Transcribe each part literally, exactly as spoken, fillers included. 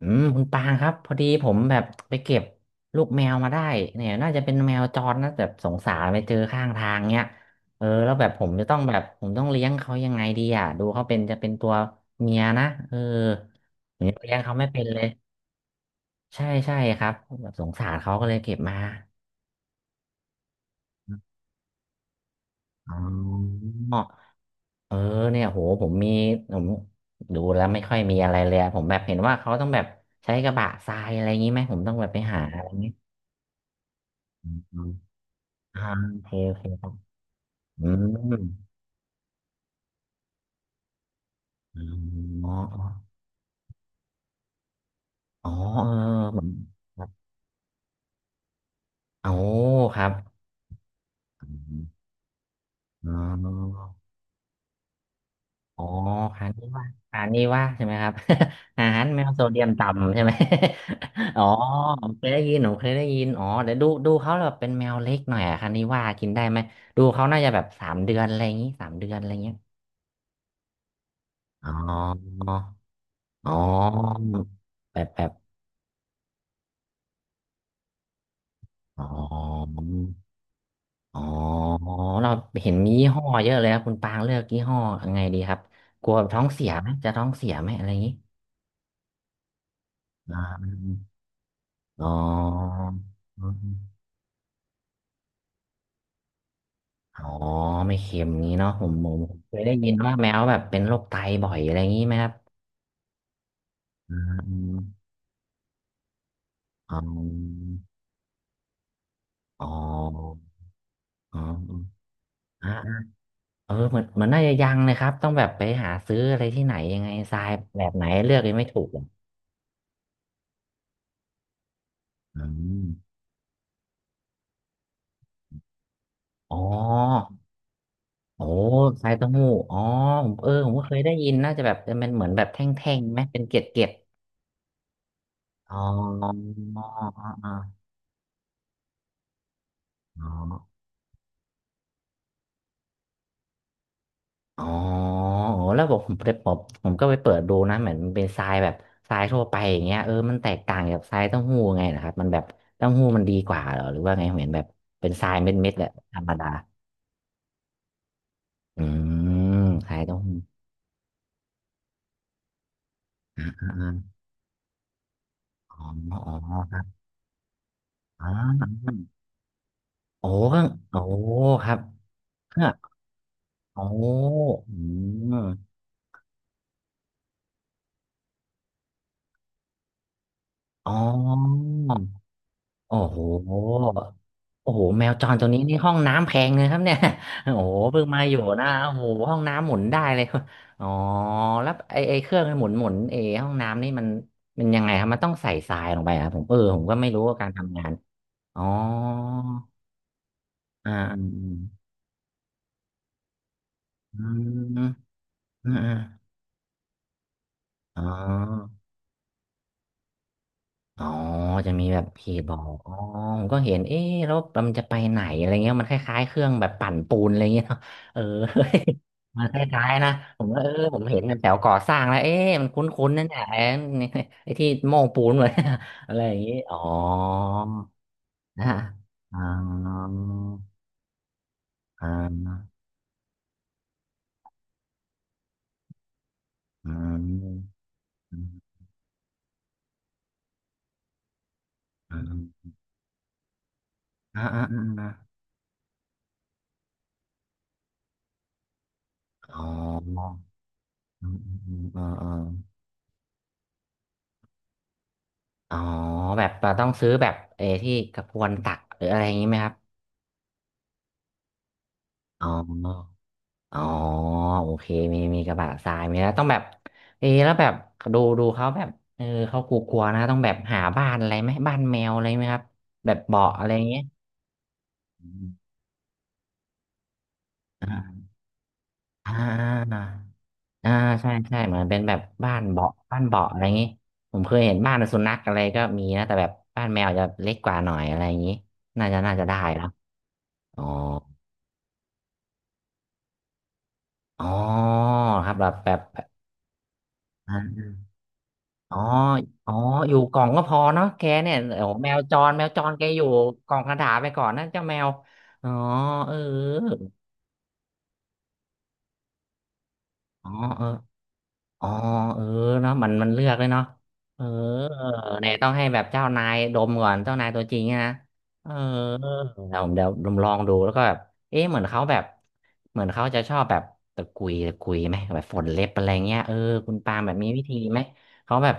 อืมคุณปางครับพอดีผมแบบไปเก็บลูกแมวมาได้เนี่ยน่าจะเป็นแมวจรนะแบบสงสารไปเจอข้างทางเนี่ยเออแล้วแบบผมจะต้องแบบผมต้องเลี้ยงเขายังไงดีอ่ะดูเขาเป็นจะเป็นตัวเมียนะเออผมยังเลี้ยงเขาไม่เป็นเลยใช่ใช่ครับแบบสงสารเขาก็เลยเก็บมาอ๋อเออเนี่ยโหผมมีผมดูแล้วไม่ค่อยมีอะไรเลยอะผมแบบเห็นว่าเขาต้องแบบใช้กระบะทรายอะไรอย่างนี้ไหมผมต้องแบบไปหาอะไรอย่างนี้ อ่าโอเคโอเคครับอืมอ๋ออ๋อเออเหมือนโอ้ครับอ๋ออ๋ออานนี้ว่าอานนี้ว่าใช่ไหมครับ อาหารแมวโซเดียมต่ำใช่ไหม อ๋อผมเคยได้ยินผมเคยได้ยินอ๋อเดี๋ยวดูดูเขาแบบเป็นแมวเล็กหน่อยอะคันนี้ว่ากินได้ไหมดูเขาน่าจะแบบสามเดือนอะไรอย่างงี้สามเดือนอะไรเงี้ยอ๋ออ๋อแบบแบบอ๋อ อ๋อเราเห็นมียี่ห้อเยอะเลยครับคุณปางเลือกยี่ห้อยังไงดีครับกลัวท้องเสียไหมจะท้องเสียไหมอะไรอย่างนี้อ่าอ๋ออืออ๋อไม่เค็มงี้เนาะผมผมผมเคยได้ยินว่าแมวแบบเป็นโรคไตบ่อยอะไรอย่างนี้ไหมครับอืมอ๋ออ๋ออ๋ออ่าเออเหมือนเหมือนน่าจะยังเลยครับต้องแบบไปหาซื้ออะไรที่ไหนยังไงทรายแบบไหนเลือกยังไม่ถูกเลยอืมอ๋อ โอ้ไข่เต้าหู้อ๋อผมเออผมก็เคยได้ยินน่าจะแบบเป็นเหมือนแบบแท่งๆไหมเป็นเกล็ดๆอ๋ออ๋ออ๋ออ๋ออ๋อโอ้แล้วบอกผมไปผมผมก็ไปเปิดดูนะเหมือนมันเป็นทรายแบบทรายทั่วไปอย่างเงี้ยเออมันแตกต่างจากทรายเต้าหู้ไงนะครับมันแบบเต้าหู้มันดีกว่าเหรอหรือว่าไงผมเห็นแบบเป็นทรายเม็ดๆแหละธรรมดาอืมทรายเต้าหู้อ่าๆอ๋ออ๋อครับอ๋อโอ้ก็โอ้ครับ โอ้อืมอ๋อโอ้โหโอ้โหแมวจรตัวนี้นี่ห้องน้ำแพงเลยครับเนี่ย โอ้โหเพิ่งมาอยู่นะโอ้โหห้องน้ำหมุนได้เลย อ๋อแล้วไอไอเครื่องหมุนหมุนเอห้องน้ำนี่มันมันยังไงครับมันต้องใส่ทรายลงไปครับผมเออผมก็ไม่รู้ว่าการทำงานอ๋ออ่าอืมอืมอืมอืมอมอ๋อ อ๋อจะมีแบบเพจบอกอ๋อผมก็เห็นเอ๊ะแล้วมันจะไปไหนอะไรเงี้ยมันคล้ายๆเครื่องแบบปั่นปูนอะไรเงี้ย เนาะเออ มันคล้ายๆนะผมก็เออผมเห็นมันแถวก่อสร้างแล้วเอ๊ะมันคุ้นๆนั่นแหละไอ้ นี่ไอ้ที่โม่งปูนเลย อะไรอย่างงี้อ๋อนะอ๋ออ๋ออ๋ออ๋ออ๋ออ๋ออออืมอืมอืมอืมอ๋อแบบเราต้องซื้อแบบเออที่กระพวนตักหรืออะไรอย่างนี้ไหมครับ อ๋ออ๋อโอเคมี มีกระบะทรายมีแล้วต้องแบบเอะแล้วแบบดู ดูเขาแบบเออเขากลัวๆนะต้องแบบหาบ้านอะไรไหม บ้านแมวอะไรไหมครับแบบเบาะอะไรอย่างเงี้ยอมอ่าอ่าอ่าใช่ใช่เหมือนเป็นแบบบ้านเบาะบ้านเบาะอะไรอย่างงี้ผมเคยเห็นบ้านสุนัขอะไรก็มีนะแต่แบบบ้านแมวจะเล็กกว่าหน่อยอะไรอย่างงี้น่าจะน่าจะได้แล้วอ๋ออ๋อครับแบบแบบ อ๋อ อ๋อ อยู่กล่องก็พอเนาะแกเนี่ยโอ้แมวจรแมวจรแกอยู่กล่องกระดาษไปก่อนนะเจ้าแมวอ๋อเอออ๋อเออ อ๋อเออเนาะมันมันเลือกเลยเนาะเออเนี่ยต้องให้แบบเจ้านายดมก่อนเจ้านายตัวจริงอะนะเออเดี๋ยวผมเดี๋ยวผมลองดูแล้วก็แบบเอ๊ะเหมือนเขาแบบเหมือนเขาจะชอบแบบตะกุยตะกุยไหมแบบฝนเล็บอะไรเงี้ยเออคุณปาล์มแบบมีวิธีไหมเขาแบบ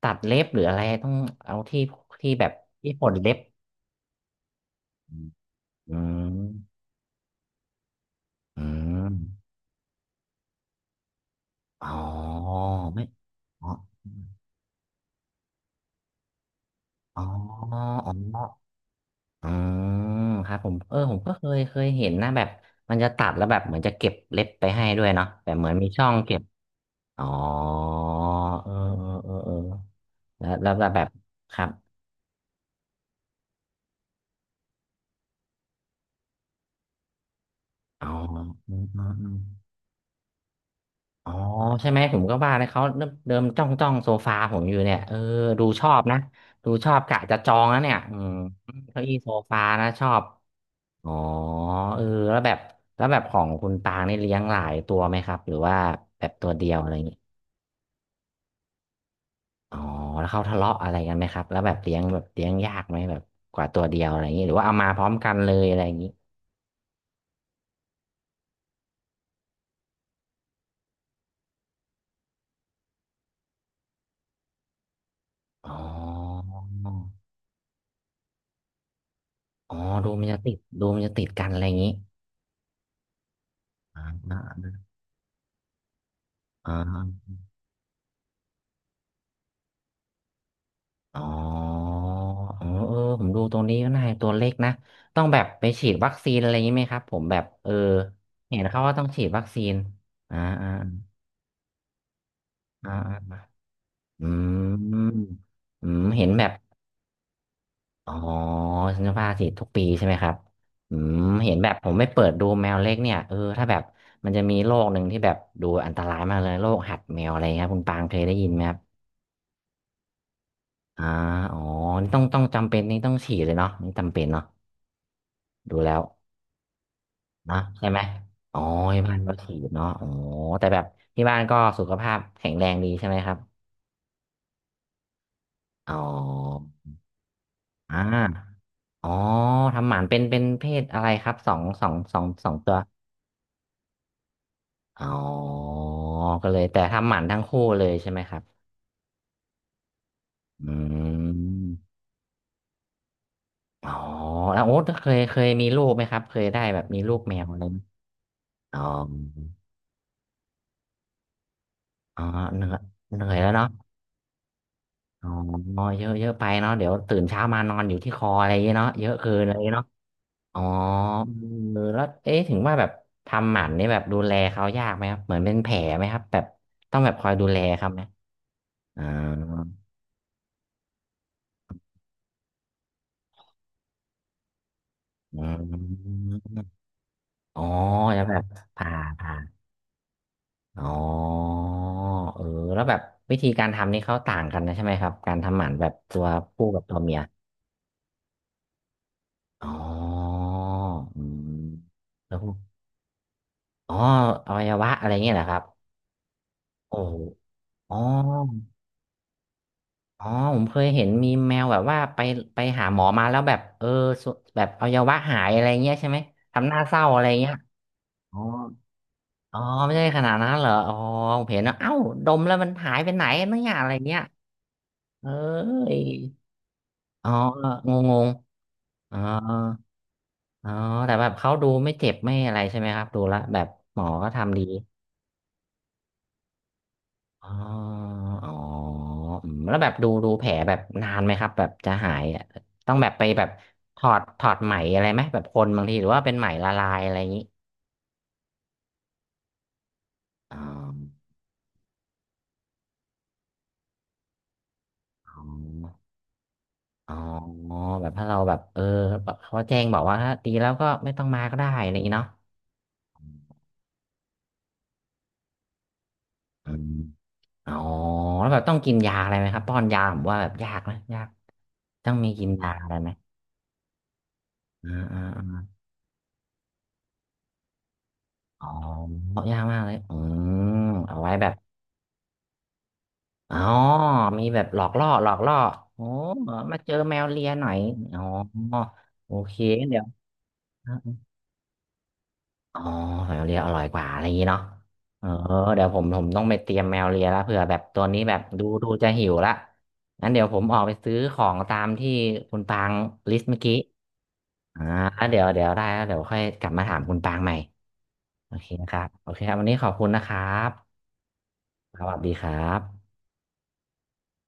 ตัดเล็บหรืออะไรต้องเอาที่ที่แบบที่ฝนเล็บอืมอืมอ๋อไม่อ๋ออ๋ออ๋อ อ๋อครับผมเออผมก็เคยเคยเห็นนะแบบมันจะตัดแล้วแบบเหมือนจะเก็บเล็บไปให้ด้วยเนาะแบบเหมือนมีช่องเก็บอ๋อเออเออเออเออแล้วแล้วแล้วแบบครับอ๋ออืมอืมอืมอ๋อใช่ไหมผมก็ว่าเลยเขาเริ่มเดิมจ้องจ้องโซฟาผมอยู่เนี่ยเออดูชอบนะดูชอบกะจะจองนะเนี่ยอืมเก้าอี้โซฟานะชอบอ๋อเออแล้วแบบแล้วแบบของคุณปางนี่เลี้ยงหลายตัวไหมครับหรือว่าแบบตัวเดียวอะไรอย่างงี้ อ๋อแล้วเขาทะเลาะอะไรกันไหมครับแล้วแบบเลี้ยงแบบเลี้ยงยากไหมแบบกว่าตัวเดียวอะไรอย่างนี้หรือว่าเอามาพร้อมกันเลยอะไรอย่างนี้อ๋ออ๋อดูมันจะติดดูมันจะติดกันอะไรอย่างนี้อ่าอ่าอ๋อเออเออผมดูตรงนี้ก็น่าตัวเล็กนะต้องแบบไปฉีดวัคซีนอะไรอย่างนี้ไหมครับผมแบบเออเห็นเขาว่าต้องฉีดวัคซีนอ่าอ่าอ่าอืมอืมเห็นแบบ อ๋อฉันจะพาสิทุกปีใช่ไหมครับอืมเห็นแบบผมไม่เปิดดูแมวเล็กเนี่ยเออถ้าแบบมันจะมีโรคหนึ่งที่แบบดูอันตรายมากเลยโรคหัดแมวอะไรครับคุณปางเคยได้ยินไหมครับอ่าอ๋อนี่ต้องต้องจำเป็นนี่ต้องฉีดเลยเนาะนี่จำเป็นเนาะดูแล้วนะใช่ไหมอ๋อที่บ้านก็ฉีดเนาะอ๋อแต่แบบที่บ้านก็สุขภาพแข็งแรงดีใช่ไหมครับอ๋ออ่าอ๋อทำหมันเป็นเป็นเพศอะไรครับสองสองสองสองตัว อ๋อก็เลยแต่ทำหมันทั้งคู่เลยใช่ไหมครับอืมอ๋อแล้วโอ๊ตเคยเคยมีลูกไหมครับเคยได้แบบมีลูกแมวอะไรไหมอ๋ออ๋อเหนื่อยเหนื่อยแล้วเนาะอ๋อเยอะเยอะไปเนาะเดี๋ยวตื่นเช้ามานอนอยู่ที่คออะไรอย่างเงี้ยเนาะเยอะเกินเลยเนาะอ๋อเออแล้วเอ๊ะถึงว่าแบบทำหมันนี่แบบดูแลเขายากไหมครับเหมือนเป็นแผลไหมครับแบบต้องแบบคอยดูแลครับไหมอ๋ออมอ๋อจะแบบผ่าผ่า อ๋อเออแล้วแบบวิธีการทำนี่เขาต่างกันนะใช่ไหมครับการทำหมันแบบตัวผู้กับตัวเมียอ๋ออืมแล้วพวกอ๋ออวัยวะอะไรเงี้ยเหรอครับโอ้โหอ๋ออ๋อผมเคยเห็นมีแมวแบบว่าไปไปหาหมอมาแล้วแบบเออสุแบบอวัยวะหายอะไรเงี้ยใช่ไหมทำหน้าเศร้าอะไรเงี้ยอ๋ออ๋อไม่ใช่ขนาดนั้นเหรออ๋อผมเห็นนะเอ้าดมแล้วมันหายไปไหนเนี่ยอะไรเงี้ยเอ้ยอ๋องงง อ๋ออ๋อแต่แบบเขาดูไม่เจ็บไม่อะไรใช่ไหมครับดูละแบบหมอก็ทำดีอ๋ออ๋ออืมแล้วแบบดูดูแผลแบบนานไหมครับแบบจะหายอะต้องแบบไปแบบถอดถอดไหมอะไรไหมแบบคนบางทีหรือว่าเป็นไหมละลายอะไรอย่างนี้อ๋ออ๋ออ๋อแบบถ้าเราแบบเออแบบเขาแจ้งบอกว่าถ้าดีแล้วก็ไม่ต้องมาก็ได้อะไรอย่างนี้เนาะอืมอ๋อแล้วแบบต้องกินยาอะไรไหมครับป้อนยาผมว่าแบบยากนะยากต้องมีกินยาอะไรไหม อ่าอ่าอาอ๋อเพราะยากมากเลยอืมเอาไว้แบบอ๋อมีแบบหลอกล่อหลอกล่อโอ้มาเจอแมวเลียหน่อยอ๋อโอเคเดี๋ยวอ๋อแมวเลียอร่อยกว่าอะไรอย่างนี้เนาะเออเดี๋ยวผมผมต้องไปเตรียมแมวเลียแล้วเผื่อแบบตัวนี้แบบดูดูจะหิวละงั้นเดี๋ยวผมออกไปซื้อของตามที่คุณปางลิสต์เมื่อกี้อ่าแล้วเดี๋ยวเดี๋ยวได้แล้วเดี๋ยวค่อยกลับมาถามคุณปางใหม่โอเคนะครับโอเคครับวันนี้ขอบคุณนะครับสวัสดีครับ